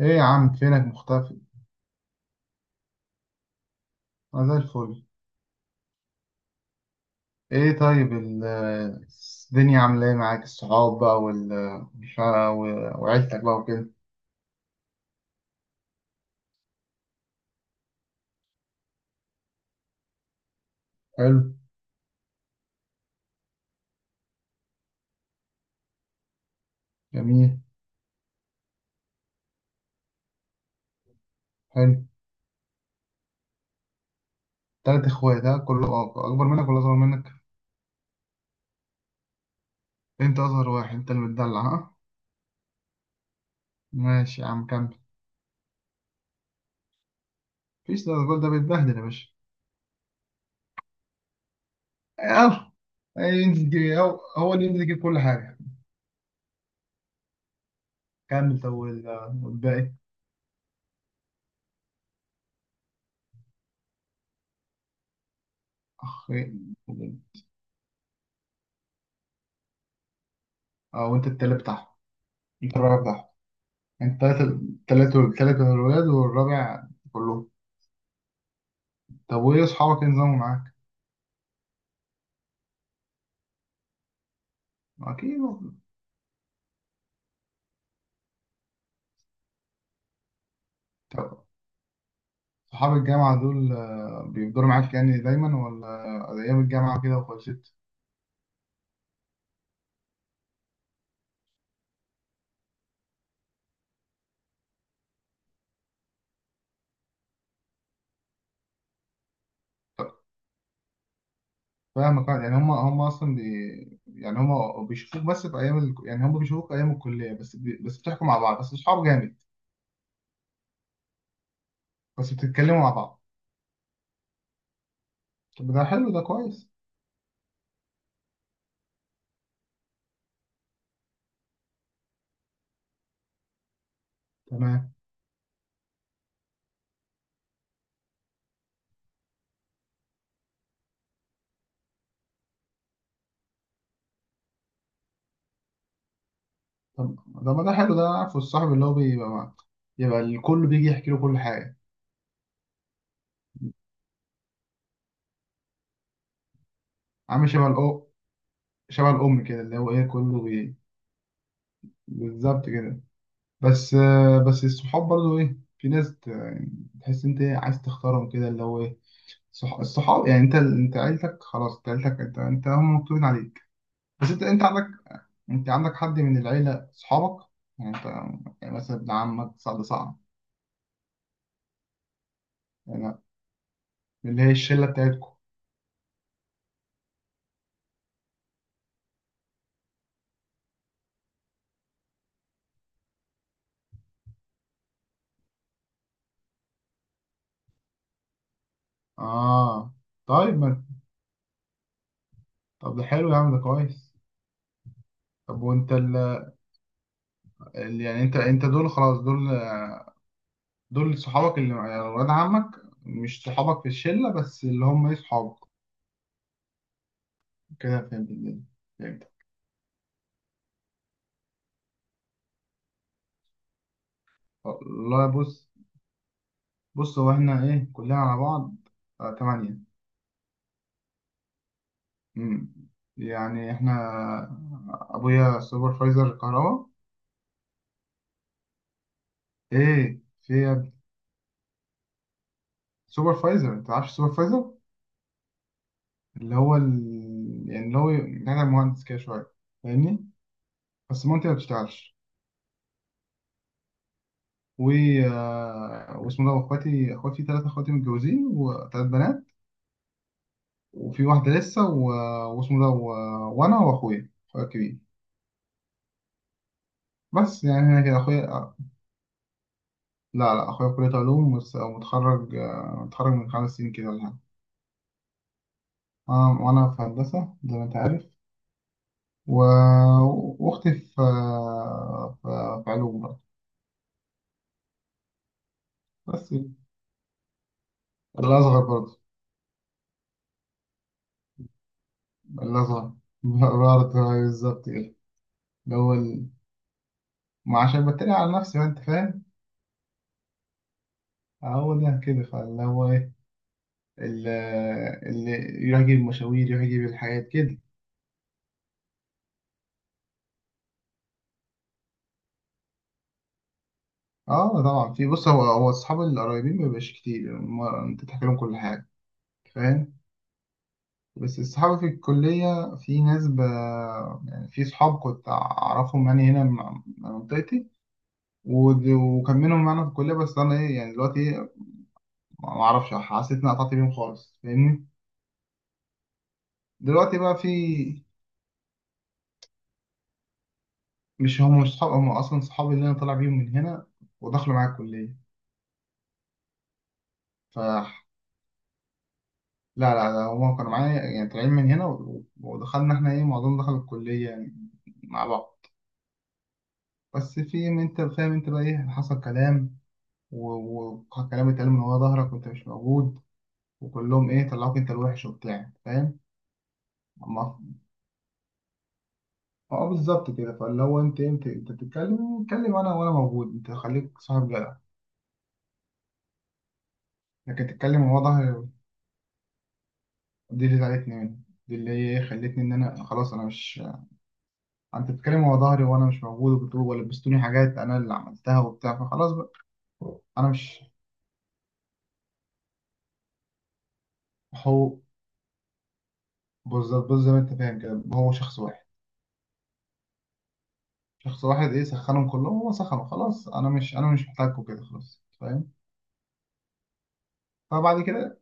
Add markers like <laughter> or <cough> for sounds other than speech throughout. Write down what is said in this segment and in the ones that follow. ايه يا عم، فينك مختفي؟ انا زي الفل. ايه، طيب، الدنيا عامله ايه معاك؟ الصحاب بقى مش ع- و- وعيلتك بقى وكده. حلو. جميل. حلو. تلات اخوات؟ ها، كله اكبر منك ولا اصغر منك؟ انت اصغر واحد، انت اللي بتدلع، ها؟ ماشي يا عم، كمل. مفيش، ده الراجل ده بيتبهدل يا باشا. اه. أي ينزل يجيب، هو اللي ينزل يجيب كل حاجه. كمل، طب والباقي؟ اخ؟ اه، وانت التالت بتاعهم؟ انت الرابع بتاعهم؟ انت تلاتة الولاد والرابع. كلهم. طب، وايه اصحابك؟ ايه نظامهم معاك؟ اكيد. طب. صحاب الجامعة دول بيفضلوا معاك يعني دايما، ولا ايام الجامعة كده وخلصت؟ طب. فاهمك، يعني هم اصلا يعني هم بيشوفوك بس في ايام يعني هم بيشوفوك ايام الكلية بس بس بتحكوا مع بعض، بس اصحاب جامد. بس بتتكلموا مع بعض. طب، ده حلو، ده كويس. تمام. طب، ده ما ده حلو. ده عارفه الصاحب اللي هو بيبقى مع، يبقى الكل بيجي يحكي له كل حاجة. عامل شبه الأم كده، اللي هو إيه، كله بالظبط كده. بس الصحاب برضو، إيه، في ناس يعني تحس أنت، إيه، عايز تختارهم كده اللي هو إيه. الصحاب يعني، أنت عيلتك، خلاص، أنت عيلتك، أنت هم مكتوبين عليك. بس أنت عندك، أنت عندك حد من العيلة صحابك؟ يعني أنت، يعني مثلا ابن عمك صعب صعب. يعني، اللي هي الشلة بتاعتكم؟ آه، طيب، ما، طب ده حلو يا عم، ده كويس. طب، وأنت يعني أنت دول، خلاص، دول. دول صحابك، اللي يعني ولاد عمك مش صحابك في الشلة بس، اللي هم ايه، صحابك. كده، فهمت الدنيا؟ فهمت. والله، بص. بص، هو احنا، ايه، كلنا على بعض، آه، تمانية. مم. يعني احنا، ابويا سوبرفايزر كهرباء. ايه، في إيه يا ابني؟ سوبرفايزر، انت عارف سوبرفايزر؟ اللي هو يعني اللي هو، بتاع مهندس كده شوية. فاهمني؟ بس مامتي ما بتشتغلش. و واسمه ده، اخواتي ثلاثة، اخواتي متجوزين وثلاث بنات. وفي واحدة لسه واسمه ده وأنا وأخويا، أخويا الكبير. بس يعني أنا كده، أخويا. لا، لا، أخويا في كلية علوم ومتخرج آه، متخرج من 5 سنين كده ولا حاجة. أنا في هندسة زي ما أنت عارف و... وأختي في آه، في في علوم برضه. بس الأصغر برضه. الأصغر <laughs> برضه. بالظبط كده. اللي هو ال- ما عشان بتريق على نفسي بقى، أنت فاهم. هو ده كده، فاللي هو إيه، اللي اللي يروح يجيب مشاوير، يروح يجيب الحاجات كده. اه طبعا، في. بص، هو الصحاب القريبين ما بيبقاش كتير، يعني، انت تحكي لهم كل حاجه. فاهم. بس الصحاب في الكليه، في ناس يعني في صحاب كنت اعرفهم يعني، هنا، من منطقتي. وكان منهم معانا في الكليه، بس انا ايه يعني دلوقتي، إيه، ما اعرفش، حسيت اني قطعت بيهم خالص، فاهمني. دلوقتي بقى في، مش، هم مش صحاب، هم اصلا صحابي اللي انا طالع بيهم من هنا ودخلوا معايا الكليه. لا، لا، لا، هما كانوا معايا يعني، طالعين من هنا ودخلنا احنا ايه معظمنا دخل الكلية يعني مع بعض. بس في، ما انت فاهم، انت بقى ايه، حصل كلام و- وكلام اتقال من ورا ظهرك وانت مش موجود، وكلهم ايه طلعوك انت الوحش وبتاع، فاهم. اما، اه بالظبط كده، فاللي هو انت بتتكلم، اتكلم انا وانا موجود، انت خليك صاحب جدع. لكن تتكلم من ورا ظهري. دي اللي زعلتني مني، دي اللي هي ايه خلتني ان انا خلاص انا مش، انت بتتكلم ورا ظهري وانا مش موجود، وبتقول ولبستوني حاجات انا اللي عملتها وبتاع، فخلاص انا مش. هو بالظبط بالظبط زي ما انت فاهم كده، هو شخص واحد. شخص واحد، ايه، سخنهم كلهم، هو سخنه، خلاص انا مش محتاجكم، كده خلاص، فاهم. فبعد كده،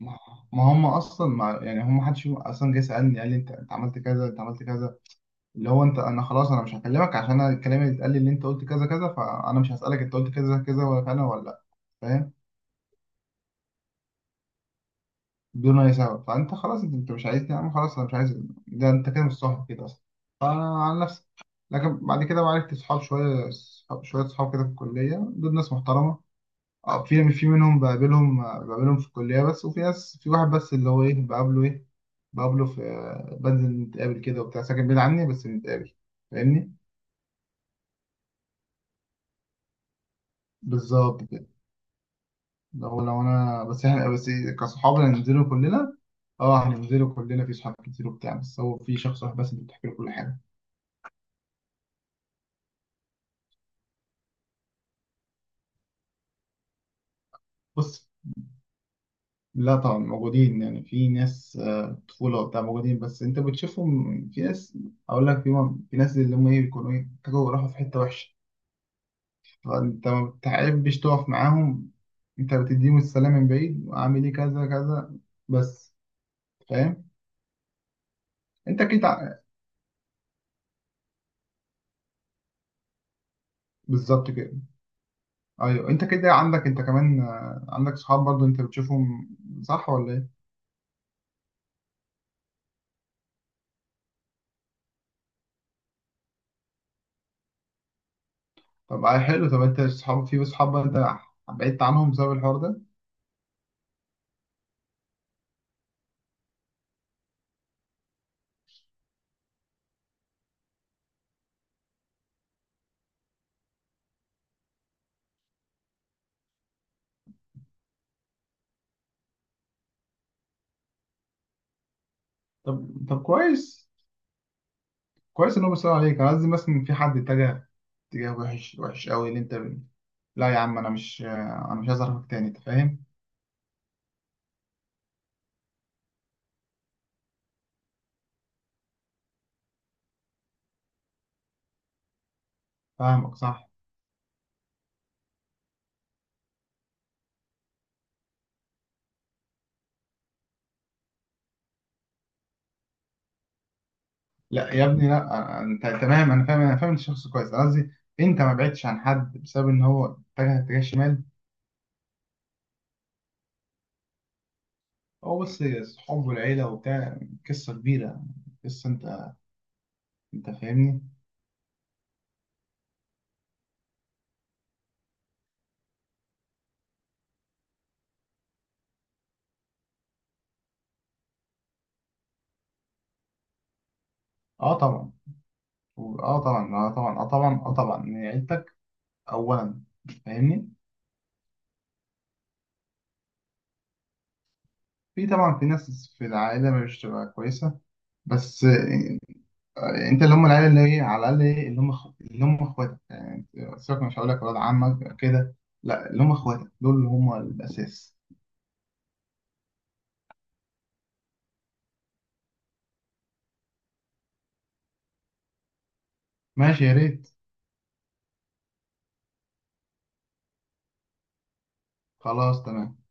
ما، ما هم اصلا ما يعني، هم محدش فيهم اصلا جه سالني قال لي انت عملت كذا، انت عملت كذا. اللي هو انت، انا خلاص انا مش هكلمك، عشان أنا الكلام اللي اتقال لي ان انت قلت كذا كذا، فانا مش هسالك انت قلت كذا كذا ولا انا ولا لا. فاهم؟ دون اي سبب، فانت خلاص، انت مش عايزني يا عم، خلاص انا مش عايز. ده انت كده مش صاحب كده اصلا. فانا عن نفسي. لكن بعد كده عرفت صحاب شويه شويه صحاب كده في الكليه، دول ناس محترمه. اه، في منهم بقابلهم في الكليه بس، وفي ناس، في واحد بس اللي هو ايه بقابله، ايه، بقابله في، بنزل نتقابل كده وبتاع، ساكن بعيد عني بس بنتقابل، فاهمني. بالظبط كده. لو انا بس، احنا بس، إيه، كصحاب هننزلوا كلنا، اه هننزلوا كلنا، في صحاب كتير وبتاع، بس هو في شخص واحد بس اللي بتحكي له كل حاجه. بص، لا طبعا موجودين، يعني في ناس طفولة وبتاع موجودين، بس انت بتشوفهم. في ناس، اقول لك، في ناس اللي هم ايه بيكونوا ايه، كانوا راحوا في حتة وحشة، فانت ما بتحبش تقف معاهم، انت بتديهم السلام من بعيد وعامل ايه كذا كذا. بس، فاهم. انت كده بالظبط كده. ايوه، انت كده عندك، انت كمان عندك صحاب برضو انت بتشوفهم، صح ولا ايه؟ طب، حلو. طب انت صحاب، في صحاب بقى، انت بعدت عنهم بسبب الحوار ده؟ طب طب، كويس. كويس ان هو بيسأل عليك. قصدي، مثلا في حد اتجه اتجاه وحش، وحش قوي اللي انت لا يا عم انا مش عايز اعرفك تاني، انت فاهم. فاهمك، صح؟ لا يا ابني، لا انت تمام، انا فاهم الشخص كويس. أنا قصدي، انت ما بعدتش عن حد بسبب ان هو اتجه اتجاه شمال؟ هو بس، صحابه والعيله وبتاع، قصه كبيره، قصه، انت فاهمني. اه طبعا، اه طبعا، اه طبعا، اه طبعا، اه طبعا، إن عيلتك اولا، فاهمني. في، طبعا، في ناس في العائله مش تبقى كويسه، بس انت، اللي هم العيله اللي هي على الاقل ايه، اللي هم اخواتك، يعني، سيبك، مش هقول لك ولاد عمك كده، لا، اللي هم اخواتك دول اللي هم الاساس. ماشي، يا ريت. خلاص، تمام.